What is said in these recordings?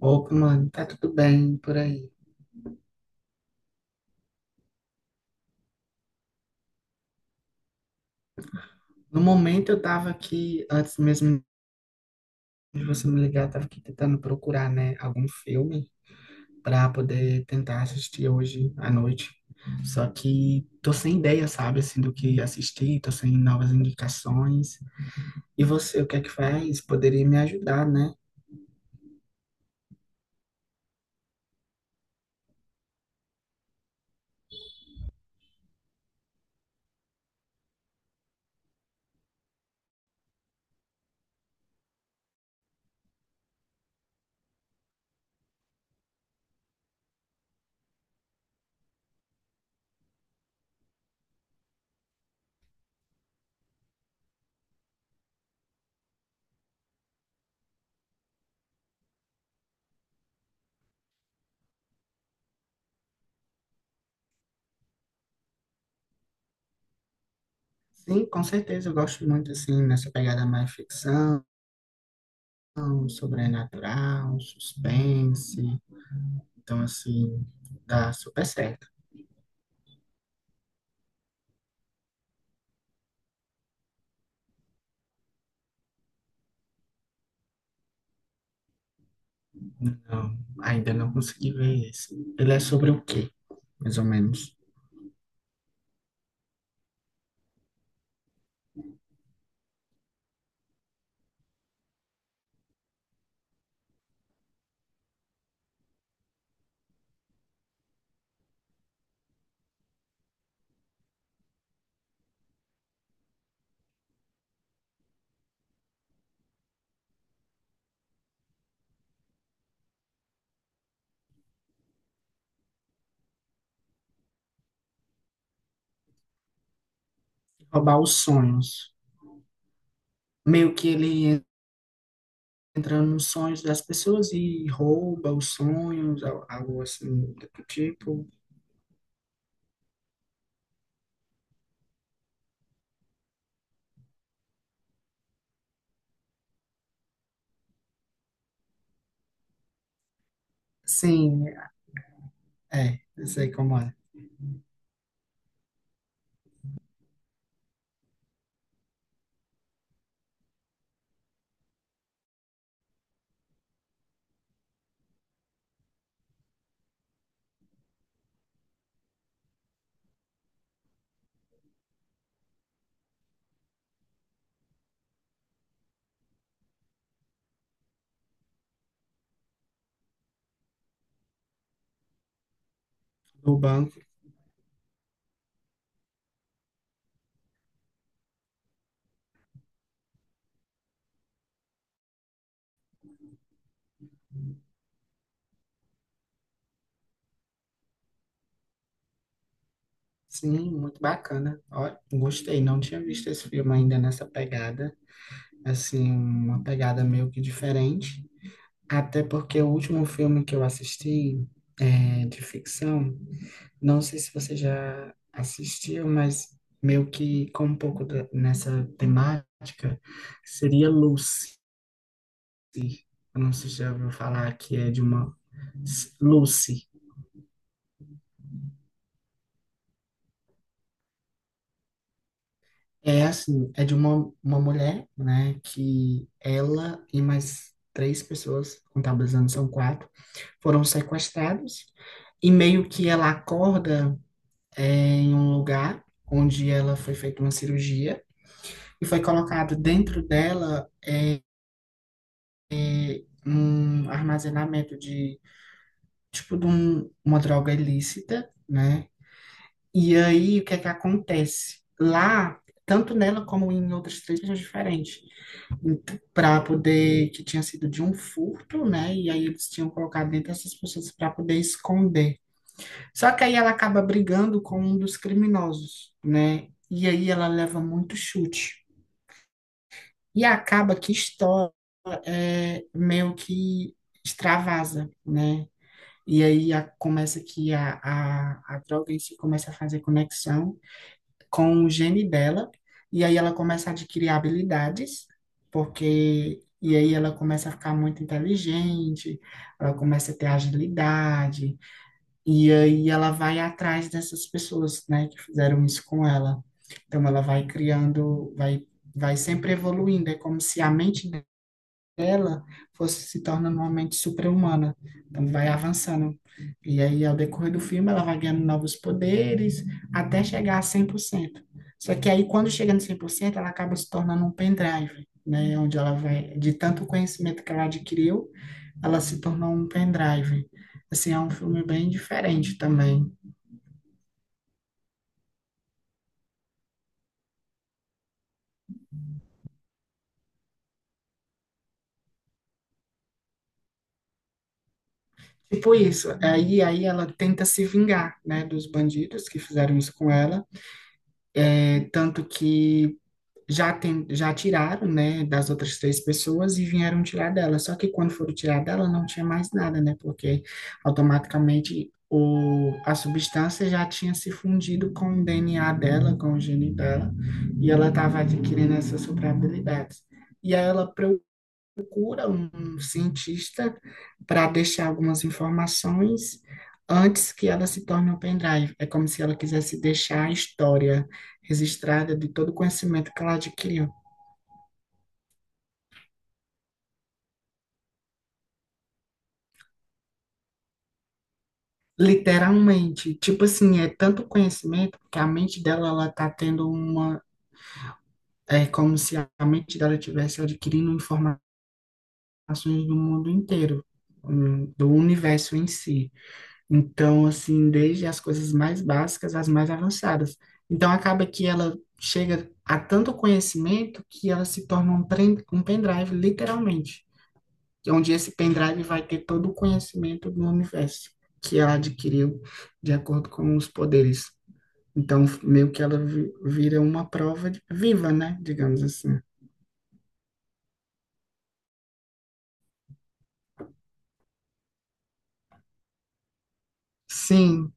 Opa, mano, tá tudo bem por aí. No momento eu tava aqui, antes mesmo de você me ligar, eu tava aqui tentando procurar, né, algum filme pra poder tentar assistir hoje à noite. Só que tô sem ideia, sabe, assim, do que assistir, tô sem novas indicações. E você, o que é que faz? Poderia me ajudar, né? Sim, com certeza, eu gosto muito, assim, nessa pegada mais ficção, sobrenatural, suspense. Então, assim, dá super certo. Não, ainda não consegui ver esse. Ele é sobre o quê, mais ou menos? Roubar os sonhos. Meio que ele entra nos sonhos das pessoas e rouba os sonhos, algo assim do tipo. Sim, é, eu sei como é. Do banco. Sim, muito bacana. Ó, gostei, não tinha visto esse filme ainda nessa pegada. Assim, uma pegada meio que diferente. Até porque o último filme que eu assisti é, de ficção. Não sei se você já assistiu, mas meio que com um pouco nessa temática, seria Lucy. Eu não sei se já ouviu falar que é de uma... Lucy. É assim, é de uma mulher, né, que ela e mais três pessoas, contabilizando são quatro, foram sequestrados e meio que ela acorda em um lugar onde ela foi feita uma cirurgia e foi colocado dentro dela um armazenamento de, tipo, uma droga ilícita, né? E aí, o que é que acontece? Lá, tanto nela como em outras três regiões diferentes, para poder, que tinha sido de um furto, né? E aí eles tinham colocado dentro dessas pessoas para poder esconder. Só que aí ela acaba brigando com um dos criminosos, né? E aí ela leva muito chute. E acaba que estoura, meio que extravasa, né? E aí começa que a droga em si começa a fazer conexão com o gene dela, e aí ela começa a adquirir habilidades, porque. E aí ela começa a ficar muito inteligente, ela começa a ter agilidade, e aí ela vai atrás dessas pessoas, né, que fizeram isso com ela. Então ela vai criando, vai sempre evoluindo, é como se a mente ela fosse se tornando uma mente super-humana. Então, vai avançando. E aí, ao decorrer do filme, ela vai ganhando novos poderes até chegar a cem por cento. Só que aí, quando chega no cem por cento, ela acaba se tornando um pendrive, né? Onde ela vai, de tanto conhecimento que ela adquiriu, ela se tornou um pendrive. Assim, é um filme bem diferente também. Tipo isso, aí ela tenta se vingar, né, dos bandidos que fizeram isso com ela, tanto que já tiraram, né, das outras três pessoas e vieram tirar dela. Só que quando foram tirar dela, não tinha mais nada, né? Porque automaticamente a substância já tinha se fundido com o DNA dela, com o gene dela, e ela estava adquirindo essas super habilidades. E aí ela, procura um cientista para deixar algumas informações antes que ela se torne um pendrive. É como se ela quisesse deixar a história registrada de todo o conhecimento que ela adquiriu. Literalmente, tipo assim, é tanto conhecimento que a mente dela ela tá tendo uma, é como se a mente dela estivesse adquirindo informações do mundo inteiro, do universo em si. Então, assim, desde as coisas mais básicas às mais avançadas. Então, acaba que ela chega a tanto conhecimento que ela se torna um pendrive, literalmente. Onde esse pendrive vai ter todo o conhecimento do universo que ela adquiriu de acordo com os poderes. Então, meio que ela vira uma prova viva, né? Digamos assim. Sim,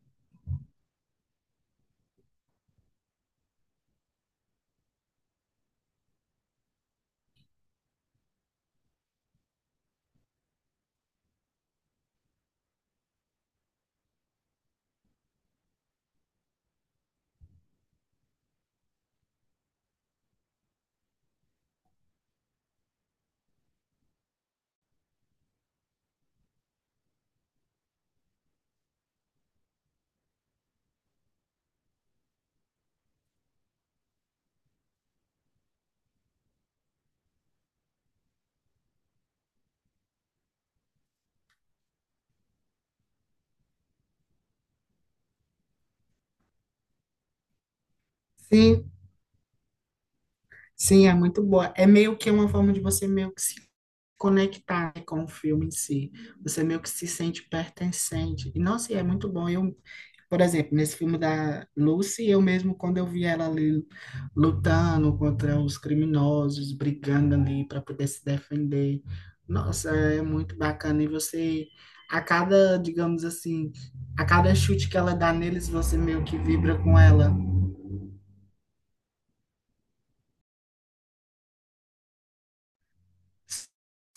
sim, sim, é muito boa. É meio que uma forma de você meio que se conectar, né, com o filme em si. Você meio que se sente pertencente. E, nossa, e é muito bom. Eu, por exemplo, nesse filme da Lucy, eu mesmo, quando eu vi ela ali lutando contra os criminosos, brigando ali para poder se defender, nossa, é muito bacana. E você, a cada, digamos assim, a cada chute que ela dá neles, você meio que vibra com ela.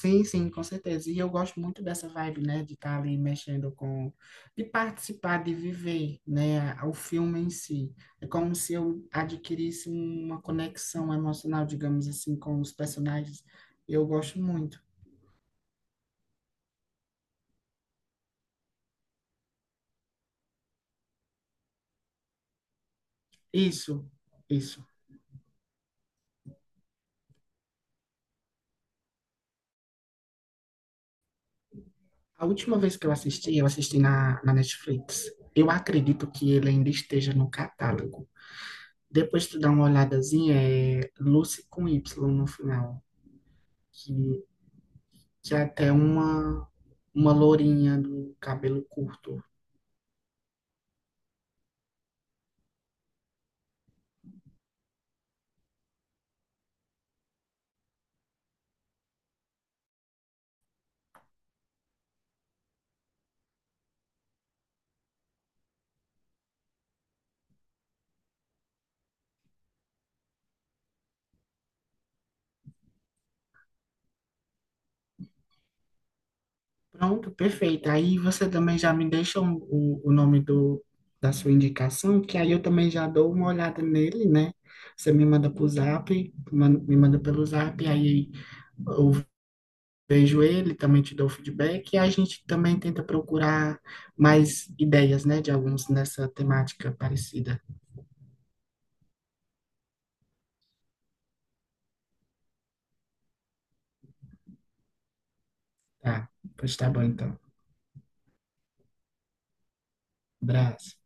Sim, sim, com certeza. E eu gosto muito dessa vibe, né, de estar ali mexendo com, de participar, de viver, né, o filme em si. É como se eu adquirisse uma conexão emocional, digamos assim, com os personagens. Eu gosto muito. Isso, isso. A última vez que eu assisti na Netflix. Eu acredito que ele ainda esteja no catálogo. Depois tu dá uma olhadazinha, é Lucy com Y no final. que que é até uma, lourinha do cabelo curto. Pronto, perfeito. Aí você também já me deixa o nome da sua indicação, que aí eu também já dou uma olhada nele, né? Você me manda pro zap, me manda pelo zap, aí eu vejo ele, também te dou feedback, e a gente também tenta procurar mais ideias, né, de alguns nessa temática parecida. Tá, pois tá bom então. Abraço.